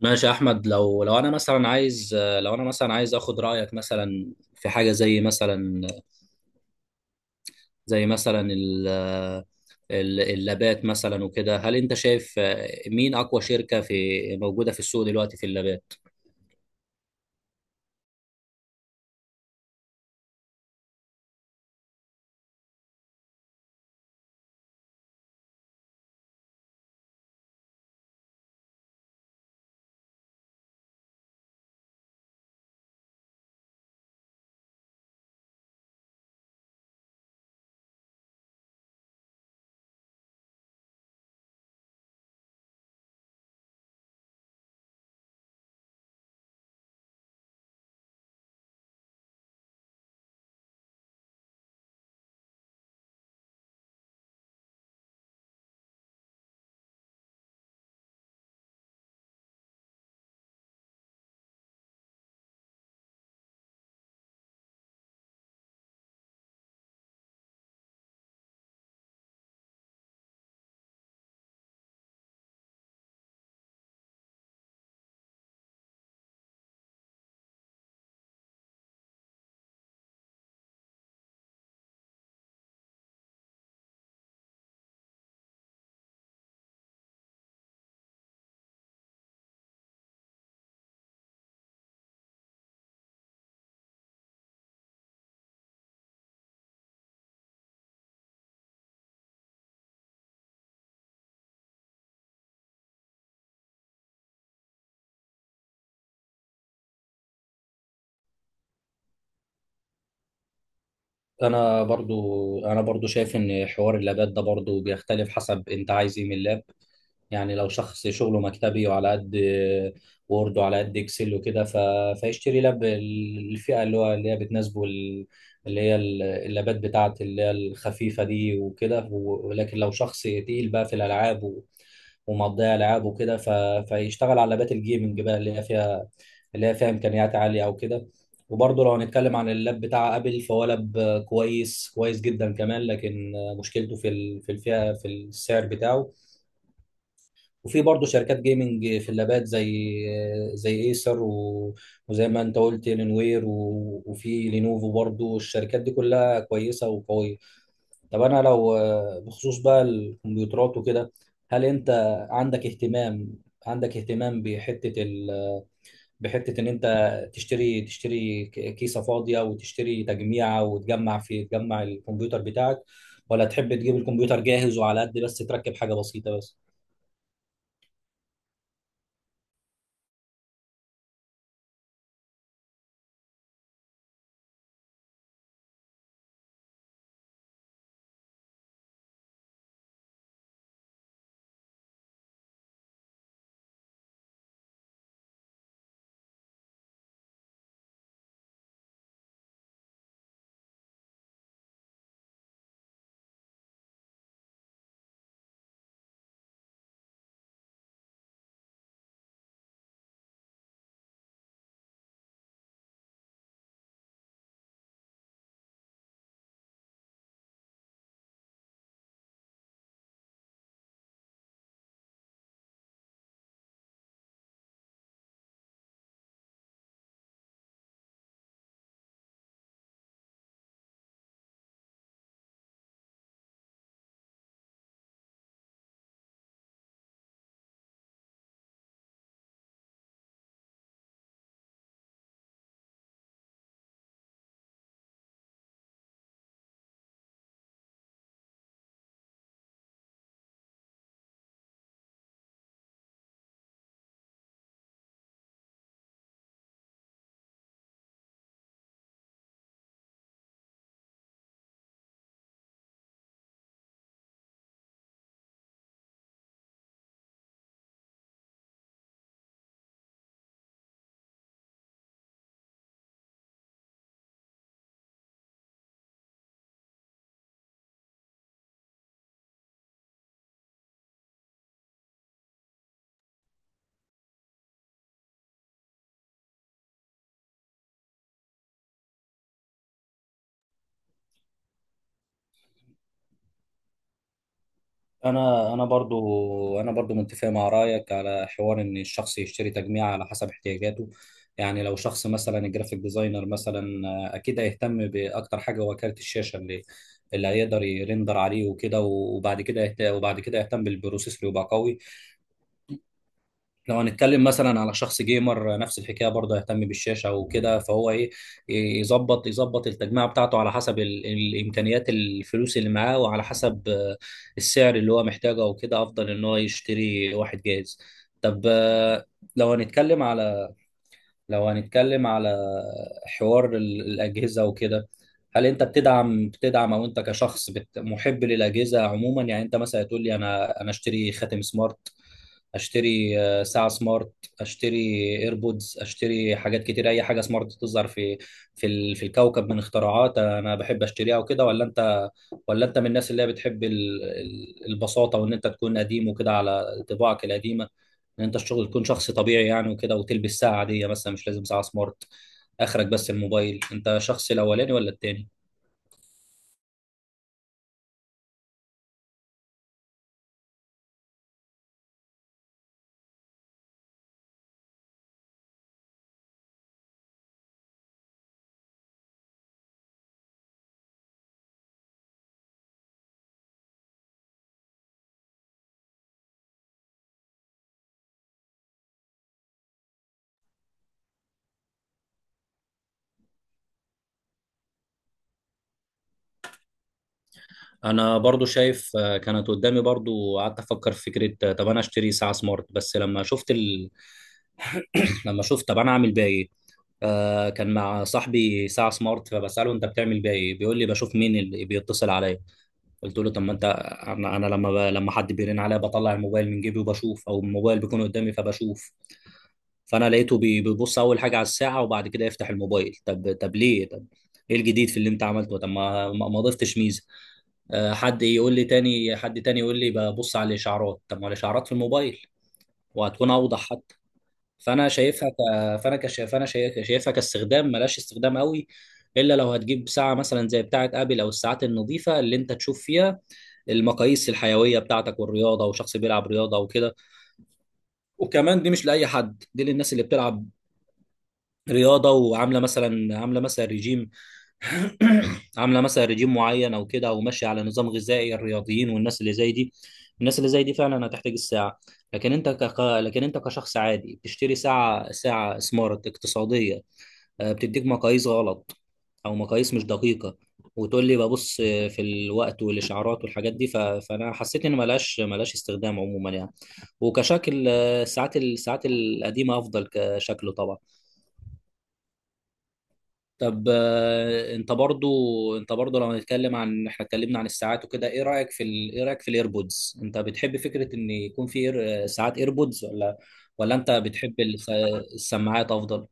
ماشي يا احمد، لو انا مثلا عايز اخد رايك مثلا في حاجه زي مثلا، زي مثلا ال اللابات مثلا وكده. هل انت شايف مين اقوى شركه موجوده في السوق دلوقتي في اللابات؟ انا برضو شايف ان حوار اللابات ده برضو بيختلف حسب انت عايز ايه من اللاب. يعني لو شخص شغله مكتبي وعلى قد وورد وعلى قد اكسل وكده، فيشتري لاب الفئة اللي هي بتناسبه، اللابات بتاعت اللي هي الخفيفة دي وكده، ولكن لو شخص تقيل بقى في الالعاب ومقضيها العاب وكده، فيشتغل على لابات الجيمنج بقى اللي هي فيها امكانيات عاليه او كده. وبرضه لو هنتكلم عن اللاب بتاع ابل، فهو لاب كويس كويس جدا كمان. لكن مشكلته في السعر بتاعه. وفي برضه شركات جيمنج في اللابات زي ايسر، وزي ما انت قلت لينوير، وفي لينوفو برضه. الشركات دي كلها كويسه وقويه. طب انا لو، بخصوص بقى الكمبيوترات وكده، هل انت عندك اهتمام عندك اهتمام بحته، ان انت تشتري كيسه فاضيه وتشتري تجميعه، وتجمع في تجمع الكمبيوتر بتاعك؟ ولا تحب تجيب الكمبيوتر جاهز وعلى قد بس تركب حاجه بسيطه بس؟ انا برضو متفق مع رايك على حوار ان الشخص يشتري تجميع على حسب احتياجاته. يعني لو شخص مثلا الجرافيك ديزاينر مثلا، اكيد هيهتم باكتر حاجه هو كارت الشاشه اللي هيقدر يرندر عليه وكده، وبعد كده يهتم بالبروسيسور يبقى قوي. لو هنتكلم مثلا على شخص جيمر، نفس الحكايه برضه يهتم بالشاشه وكده، فهو ايه، يظبط التجميع بتاعته على حسب الامكانيات الفلوس اللي معاه، وعلى حسب، السعر اللي هو محتاجه وكده. افضل ان هو يشتري واحد جاهز. طب، لو هنتكلم على لو هنتكلم على حوار الأجهزة وكده. هل أنت بتدعم، أو أنت كشخص محب للأجهزة عموما؟ يعني أنت مثلا تقول لي، أنا أشتري خاتم سمارت، أشتري، ساعة سمارت، أشتري إيربودز، أشتري حاجات كتير، أي حاجة سمارت تظهر في الكوكب من اختراعات أنا بحب أشتريها وكده. ولا أنت من الناس اللي هي بتحب البساطة، وإن أنت تكون قديم وكده على طباعك القديمة. ان انت الشغل تكون شخص طبيعي يعني وكده، وتلبس ساعه عاديه مثلا، مش لازم ساعه سمارت. اخرك بس الموبايل. انت شخص الاولاني ولا التاني؟ انا برضو شايف، كانت قدامي برضو قعدت افكر في فكره، طب انا اشتري ساعه سمارت. بس لما شفت، طب انا اعمل بيها ايه؟ كان مع صاحبي ساعه سمارت، فبساله انت بتعمل بيها ايه؟ بيقول لي بشوف مين اللي بيتصل عليا. قلت له طب، ما انت انا لما، حد بيرن عليا بطلع الموبايل من جيبي وبشوف، او الموبايل بيكون قدامي فبشوف. فانا لقيته بيبص اول حاجه على الساعه وبعد كده يفتح الموبايل. طب ليه؟ طب ايه الجديد في اللي انت عملته؟ طب ما ضفتش ميزه. حد تاني يقول لي ببص على الاشعارات. طب ما الاشعارات في الموبايل وهتكون اوضح حتى. فانا شايفها ك... فانا كش... فانا شايف... شايفها كاستخدام، ملاش استخدام قوي. الا لو هتجيب ساعه مثلا زي بتاعه ابل، او الساعات النظيفه اللي انت تشوف فيها المقاييس الحيويه بتاعتك والرياضه، وشخص بيلعب رياضه وكده. وكمان دي مش لاي حد، دي للناس اللي بتلعب رياضه وعامله مثلا، عامله مثلا ريجيم عامله مثلا ريجيم معين او كده، او ماشيه على نظام غذائي. الرياضيين والناس اللي زي دي، فعلا هتحتاج الساعه. لكن انت كشخص عادي بتشتري ساعه سمارت اقتصاديه، بتديك مقاييس غلط، او مقاييس مش دقيقه، وتقول لي ببص في الوقت والاشعارات والحاجات دي. فانا حسيت ان ملهاش استخدام عموما يعني. وكشكل، الساعات القديمه افضل كشكله طبعا. طب، انت برضو لو هنتكلم عن احنا اتكلمنا عن الساعات وكده. ايه رايك في الايربودز؟ انت بتحب فكره ان يكون في ساعات ايربودز، ولا انت بتحب السماعات افضل؟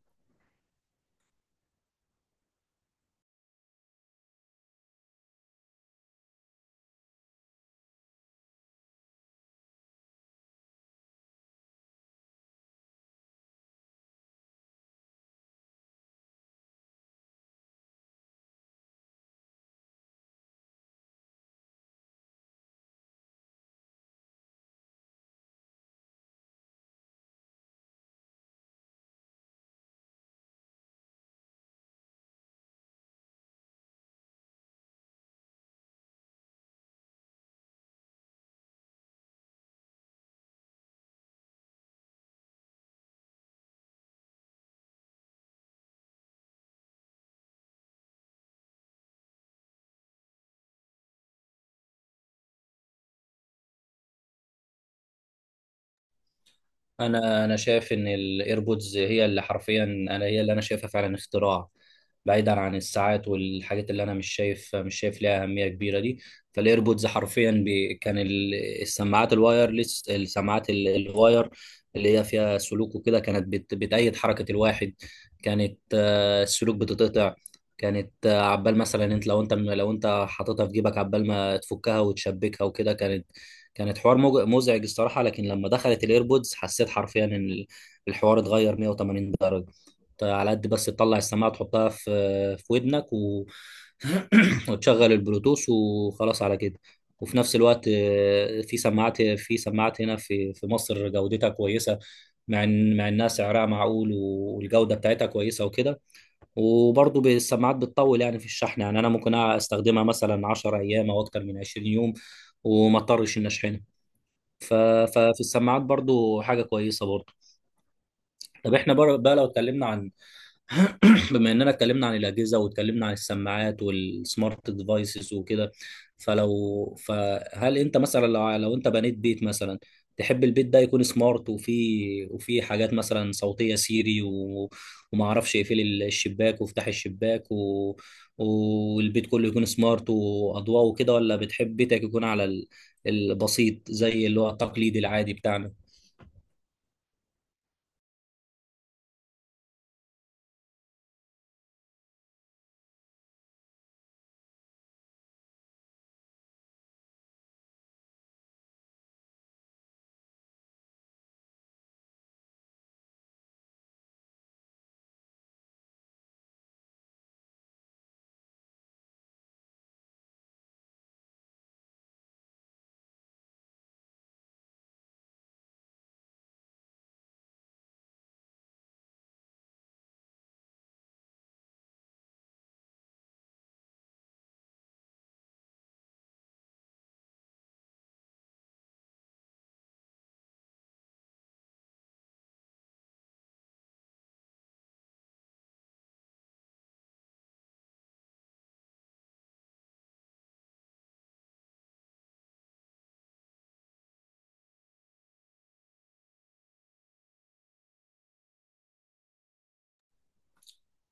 انا شايف ان الايربودز، هي اللي انا شايفها فعلا اختراع. بعيدا عن الساعات والحاجات اللي انا مش شايف ليها اهميه كبيره دي. فالايربودز حرفيا كان السماعات الوايرلس، الواير اللي هي فيها سلوك وكده، كانت بتأيد حركه الواحد. كانت، السلوك بتتقطع. كانت، عبال مثلا انت، لو انت حاططها في جيبك، عبال ما تفكها وتشبكها وكده، كانت حوار مزعج الصراحة. لكن لما دخلت الايربودز، حسيت حرفيا ان الحوار اتغير 180 درجة. انت على قد بس تطلع السماعة تحطها في ودنك، وتشغل البلوتوث وخلاص على كده. وفي نفس الوقت، في سماعات هنا في مصر جودتها كويسة. مع انها سعرها معقول، والجودة بتاعتها كويسة وكده. وبرضه السماعات بتطول يعني في الشحن، يعني انا ممكن استخدمها مثلا 10 ايام او اكتر من 20 يوم، وما اضطرش اني اشحنها. ف... ففي السماعات برضو حاجة كويسة برضو. طب احنا بقى، لو اتكلمنا عن بما اننا اتكلمنا عن الأجهزة واتكلمنا عن السماعات والسمارت ديفايسز وكده، فهل انت مثلا، لو انت بنيت بيت مثلا، تحب البيت ده يكون سمارت، وفيه حاجات مثلا صوتية، سيري، وما اعرفش، يقفل الشباك وافتح الشباك، والبيت كله يكون سمارت واضواء وكده؟ ولا بتحب بيتك يكون على البسيط زي اللي هو التقليدي العادي بتاعنا؟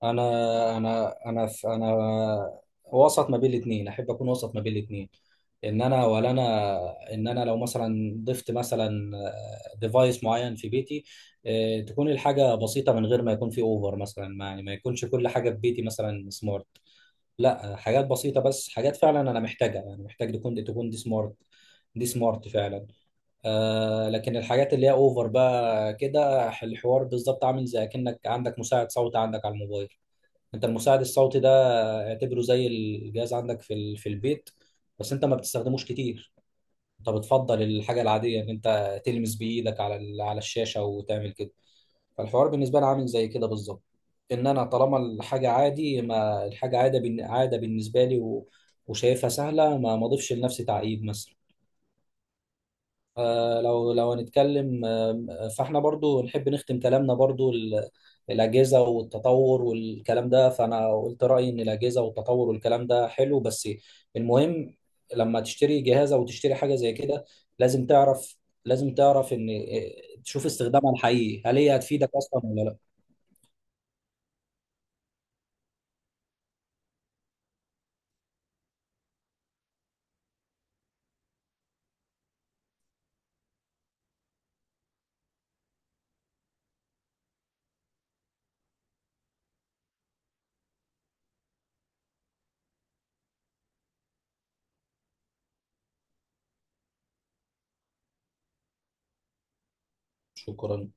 انا انا وسط ما بين الاثنين، احب اكون وسط ما بين الاثنين. ان انا ولا انا ان انا لو مثلا ضفت مثلا ديفايس معين في بيتي، تكون الحاجه بسيطه، من غير ما يكون في اوفر. مثلا ما يكونش كل حاجه في بيتي مثلا سمارت. لا، حاجات بسيطه بس، حاجات فعلا انا محتاجها، يعني محتاج تكون دي سمارت فعلا. لكن الحاجات اللي هي اوفر بقى كده، الحوار بالظبط عامل زي كأنك عندك مساعد صوت عندك على الموبايل. انت المساعد الصوتي ده، اعتبره زي الجهاز عندك في البيت. بس انت ما بتستخدموش كتير. انت بتفضل الحاجه العاديه ان انت تلمس بايدك على الشاشه وتعمل كده. فالحوار بالنسبه لي عامل زي كده بالظبط. ان انا طالما الحاجه عادي، ما الحاجه عاده بن- عاده بالنسبه لي، وشايفها سهله، ما اضيفش لنفسي تعقيد مثلا. لو هنتكلم، فاحنا برضو نحب نختم كلامنا برضو الأجهزة والتطور والكلام ده. فأنا قلت رأيي إن الأجهزة والتطور والكلام ده حلو، بس المهم لما تشتري جهاز أو تشتري حاجة زي كده، لازم تعرف لازم تعرف إن، تشوف استخدامها الحقيقي، هل هي هتفيدك أصلا ولا لا. شكرا.